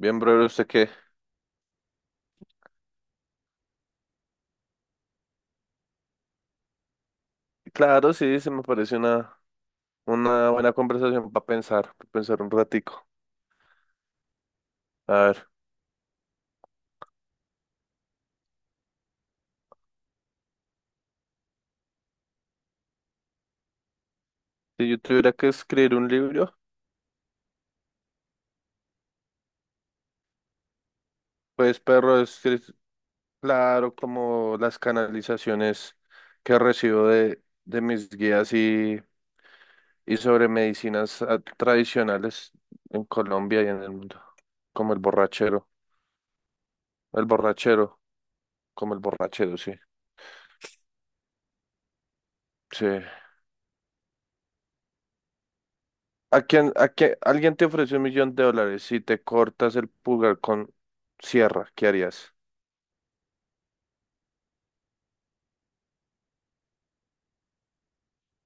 Bien, brother, ¿usted qué? Claro, sí, se me parece una buena conversación para pensar, un ratico. A ver, si yo tuviera que escribir un libro, pues, perro, es que es claro como las canalizaciones que recibo de mis guías y sobre medicinas tradicionales en Colombia y en el mundo, como el borrachero, el borrachero, como el borrachero, sí, sí. ¿A quién, alguien te ofrece un millón de dólares (1.000.000) si te cortas el pulgar con sierra? ¿Qué harías?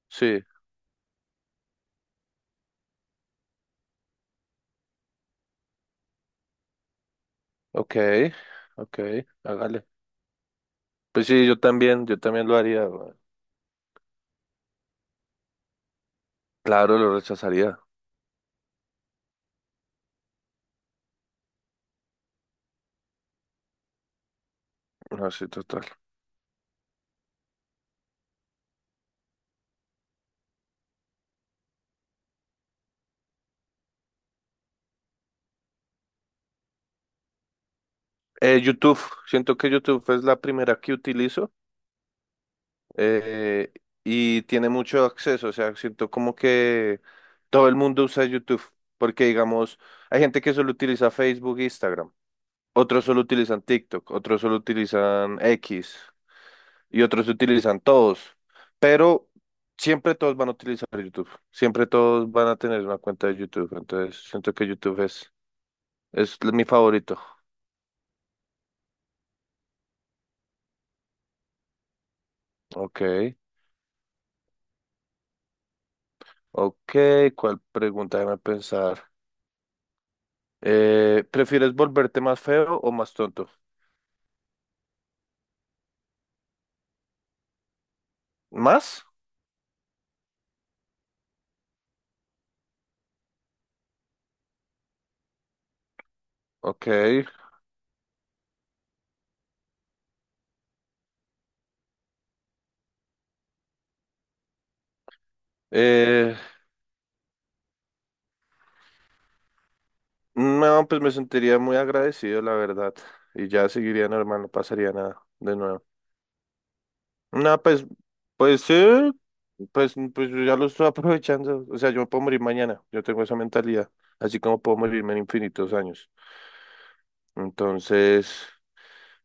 Sí, ok, ok, hágale. Pues sí, yo también lo haría, güey. Claro, lo rechazaría. No, sí, total. YouTube, siento que YouTube es la primera que utilizo, eh, y tiene mucho acceso. O sea, siento como que todo el mundo usa YouTube, porque digamos, hay gente que solo utiliza Facebook e Instagram. Otros solo utilizan TikTok, otros solo utilizan X y otros utilizan todos. Pero siempre todos van a utilizar YouTube. Siempre todos van a tener una cuenta de YouTube. Entonces siento que YouTube es mi favorito. Ok, ok. ¿Cuál pregunta? Déjame pensar. ¿Prefieres volverte más feo o más tonto? ¿Más? Ok. Eh, no, pues me sentiría muy agradecido, la verdad. Y ya seguiría normal, no pasaría nada de nuevo. No, pues sí, pues yo ya lo estoy aprovechando. O sea, yo me puedo morir mañana. Yo tengo esa mentalidad. Así como puedo morirme en infinitos años. Entonces,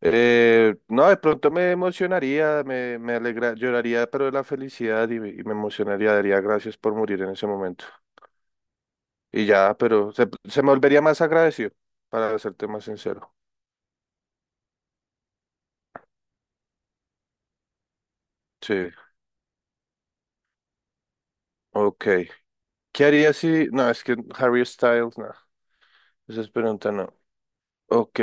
no, de pronto me emocionaría, me alegra, lloraría, pero de la felicidad, y me emocionaría, daría gracias por morir en ese momento. Y ya, pero se me volvería más agradecido, para serte más sincero. Sí, ok. ¿Qué haría si...? No, es que Harry Styles, no. Esas preguntas no. Ok.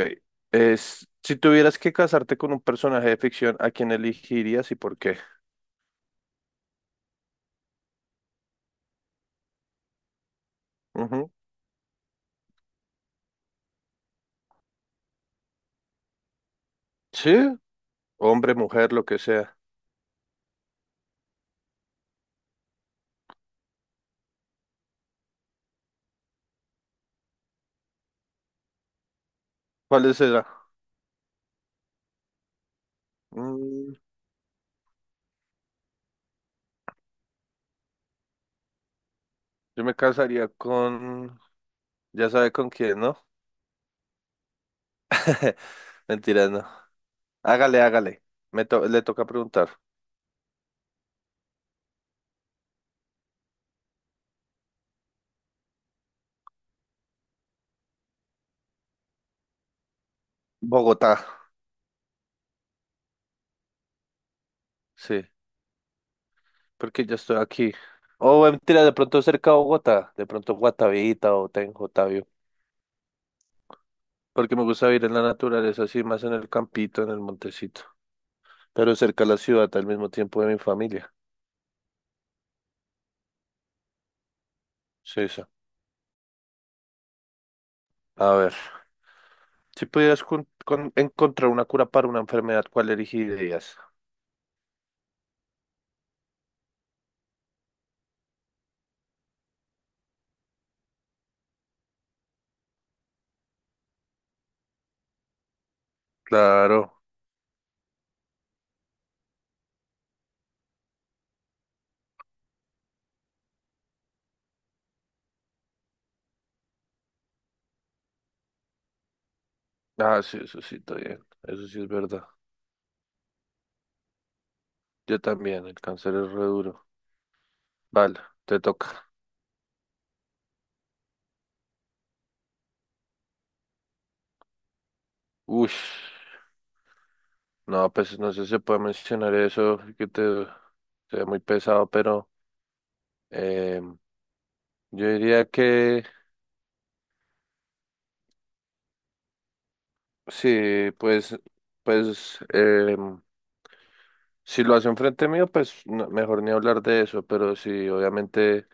Es, si tuvieras que casarte con un personaje de ficción, ¿a quién elegirías y por qué? Ujú. Sí, hombre, mujer, lo que sea. ¿Cuál será? Mm, yo me casaría con... Ya sabe con quién, ¿no? Mentira, no. Hágale, hágale. Le toca preguntar. Bogotá, sí, porque yo estoy aquí. O mentira, de pronto cerca de Bogotá, de pronto Guatavita o Tenjo, Tavio, porque me gusta vivir en la naturaleza, así más en el campito, en el montecito. Pero cerca a la ciudad al mismo tiempo de mi familia. Sí, sí. A ver, si pudieras encontrar una cura para una enfermedad, ¿cuál elegirías? Claro. Ah, sí, eso sí, está bien. Eso sí es verdad. Yo también, el cáncer es re duro. Vale, te toca. Uy, no, pues no sé si se puede mencionar eso, que te sea muy pesado, pero em, yo diría que sí, pues, em, si lo hace enfrente mío, pues mejor ni hablar de eso, pero si obviamente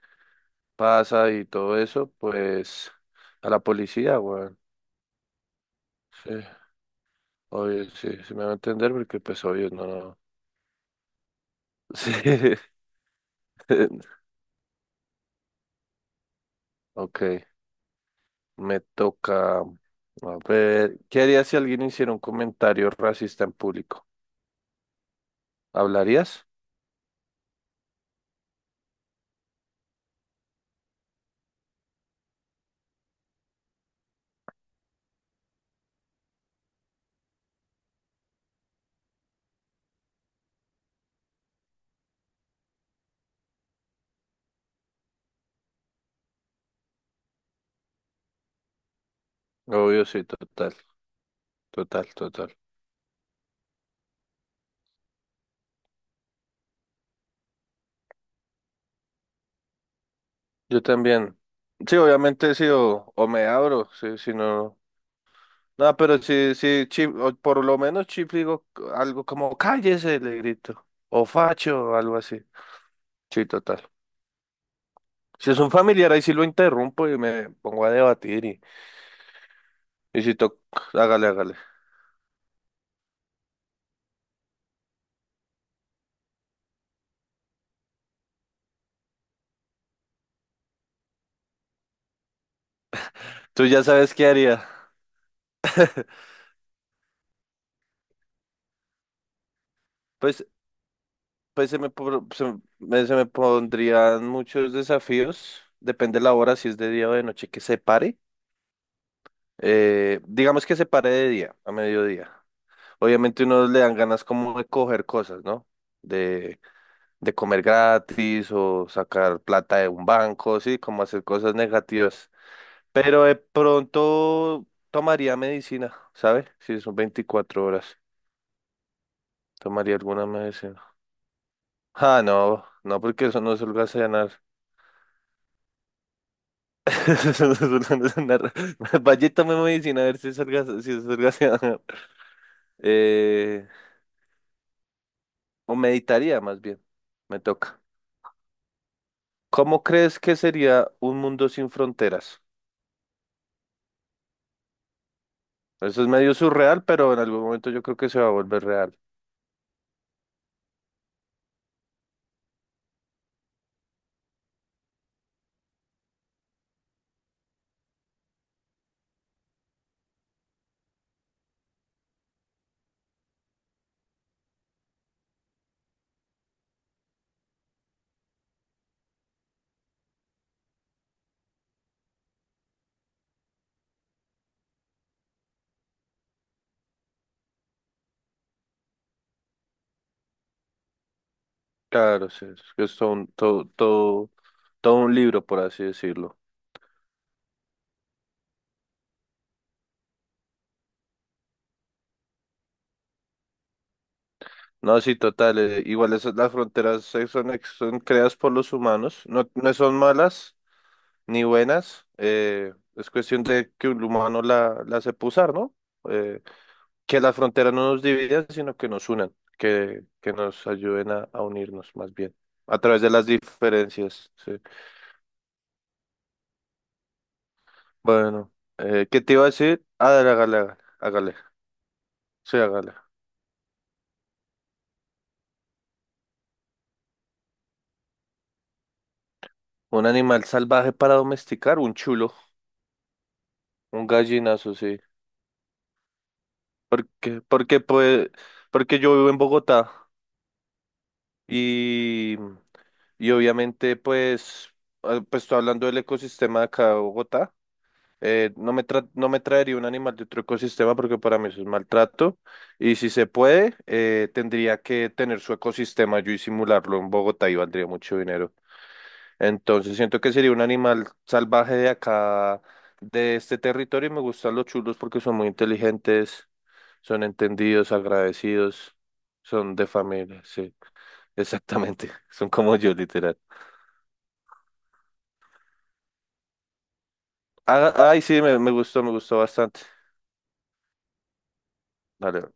pasa y todo eso, pues a la policía, weón. Sí, obvio, sí, sí me va a entender porque pues obvio no. No. Sí. Ok, me toca. A ver, ¿qué harías si alguien hiciera un comentario racista en público? ¿Hablarías? Obvio, sí, total, total, total. Yo también. Sí, obviamente sí, o me abro, sí, si no. No, pero sí, sí, Chip, o por lo menos Chip le digo algo como cállese, le grito, o facho, o algo así. Sí, total. Si es un familiar, ahí sí lo interrumpo y me pongo a debatir y si toca, hágale, hágale. Tú ya sabes qué haría. Pues, pues se me, por- se me pondrían muchos desafíos, depende de la hora, si es de día o de noche, que se pare. Digamos que se pare de día, a mediodía. Obviamente uno le dan ganas como de coger cosas, ¿no? de de comer gratis o sacar plata de un banco, sí, como hacer cosas negativas. Pero de pronto tomaría medicina, ¿sabe? Si son 24 horas, tomaría alguna medicina. Ah, no, no, porque eso no es holgazanear. Eso no es holgazanear. Vaya y tome medicina a ver si es si es holgazanear. Eh, o meditaría más bien, me toca. ¿Cómo crees que sería un mundo sin fronteras? Eso es medio surreal, pero en algún momento yo creo que se va a volver real. Claro, sí, es que es todo un, todo, todo un libro, por así decirlo. No, sí, total, igual esas, las fronteras son, son creadas por los humanos, no, no son malas ni buenas, es cuestión de que un humano la sepa usar, ¿no? Eh, que las fronteras no nos dividan, sino que nos unan, que nos ayuden a unirnos más bien, a través de las diferencias, sí. Bueno, ¿qué te iba a decir? Ah, dale, hágale, hágale, sí, hágale. Un animal salvaje para domesticar, un chulo, un gallinazo, sí. Porque, porque, pues, porque yo vivo en Bogotá y, y obviamente, pues, ah, pues estoy hablando del ecosistema de acá de Bogotá. Eh, no me traería un animal de otro ecosistema porque para mí eso es maltrato. Y si se puede, tendría que tener su ecosistema yo y simularlo en Bogotá y valdría mucho dinero. Entonces siento que sería un animal salvaje de acá, de este territorio, y me gustan los chulos porque son muy inteligentes, son entendidos, agradecidos, son de familia, sí, exactamente, son como yo, literal. Ah, ay, sí, me gustó bastante. Dale.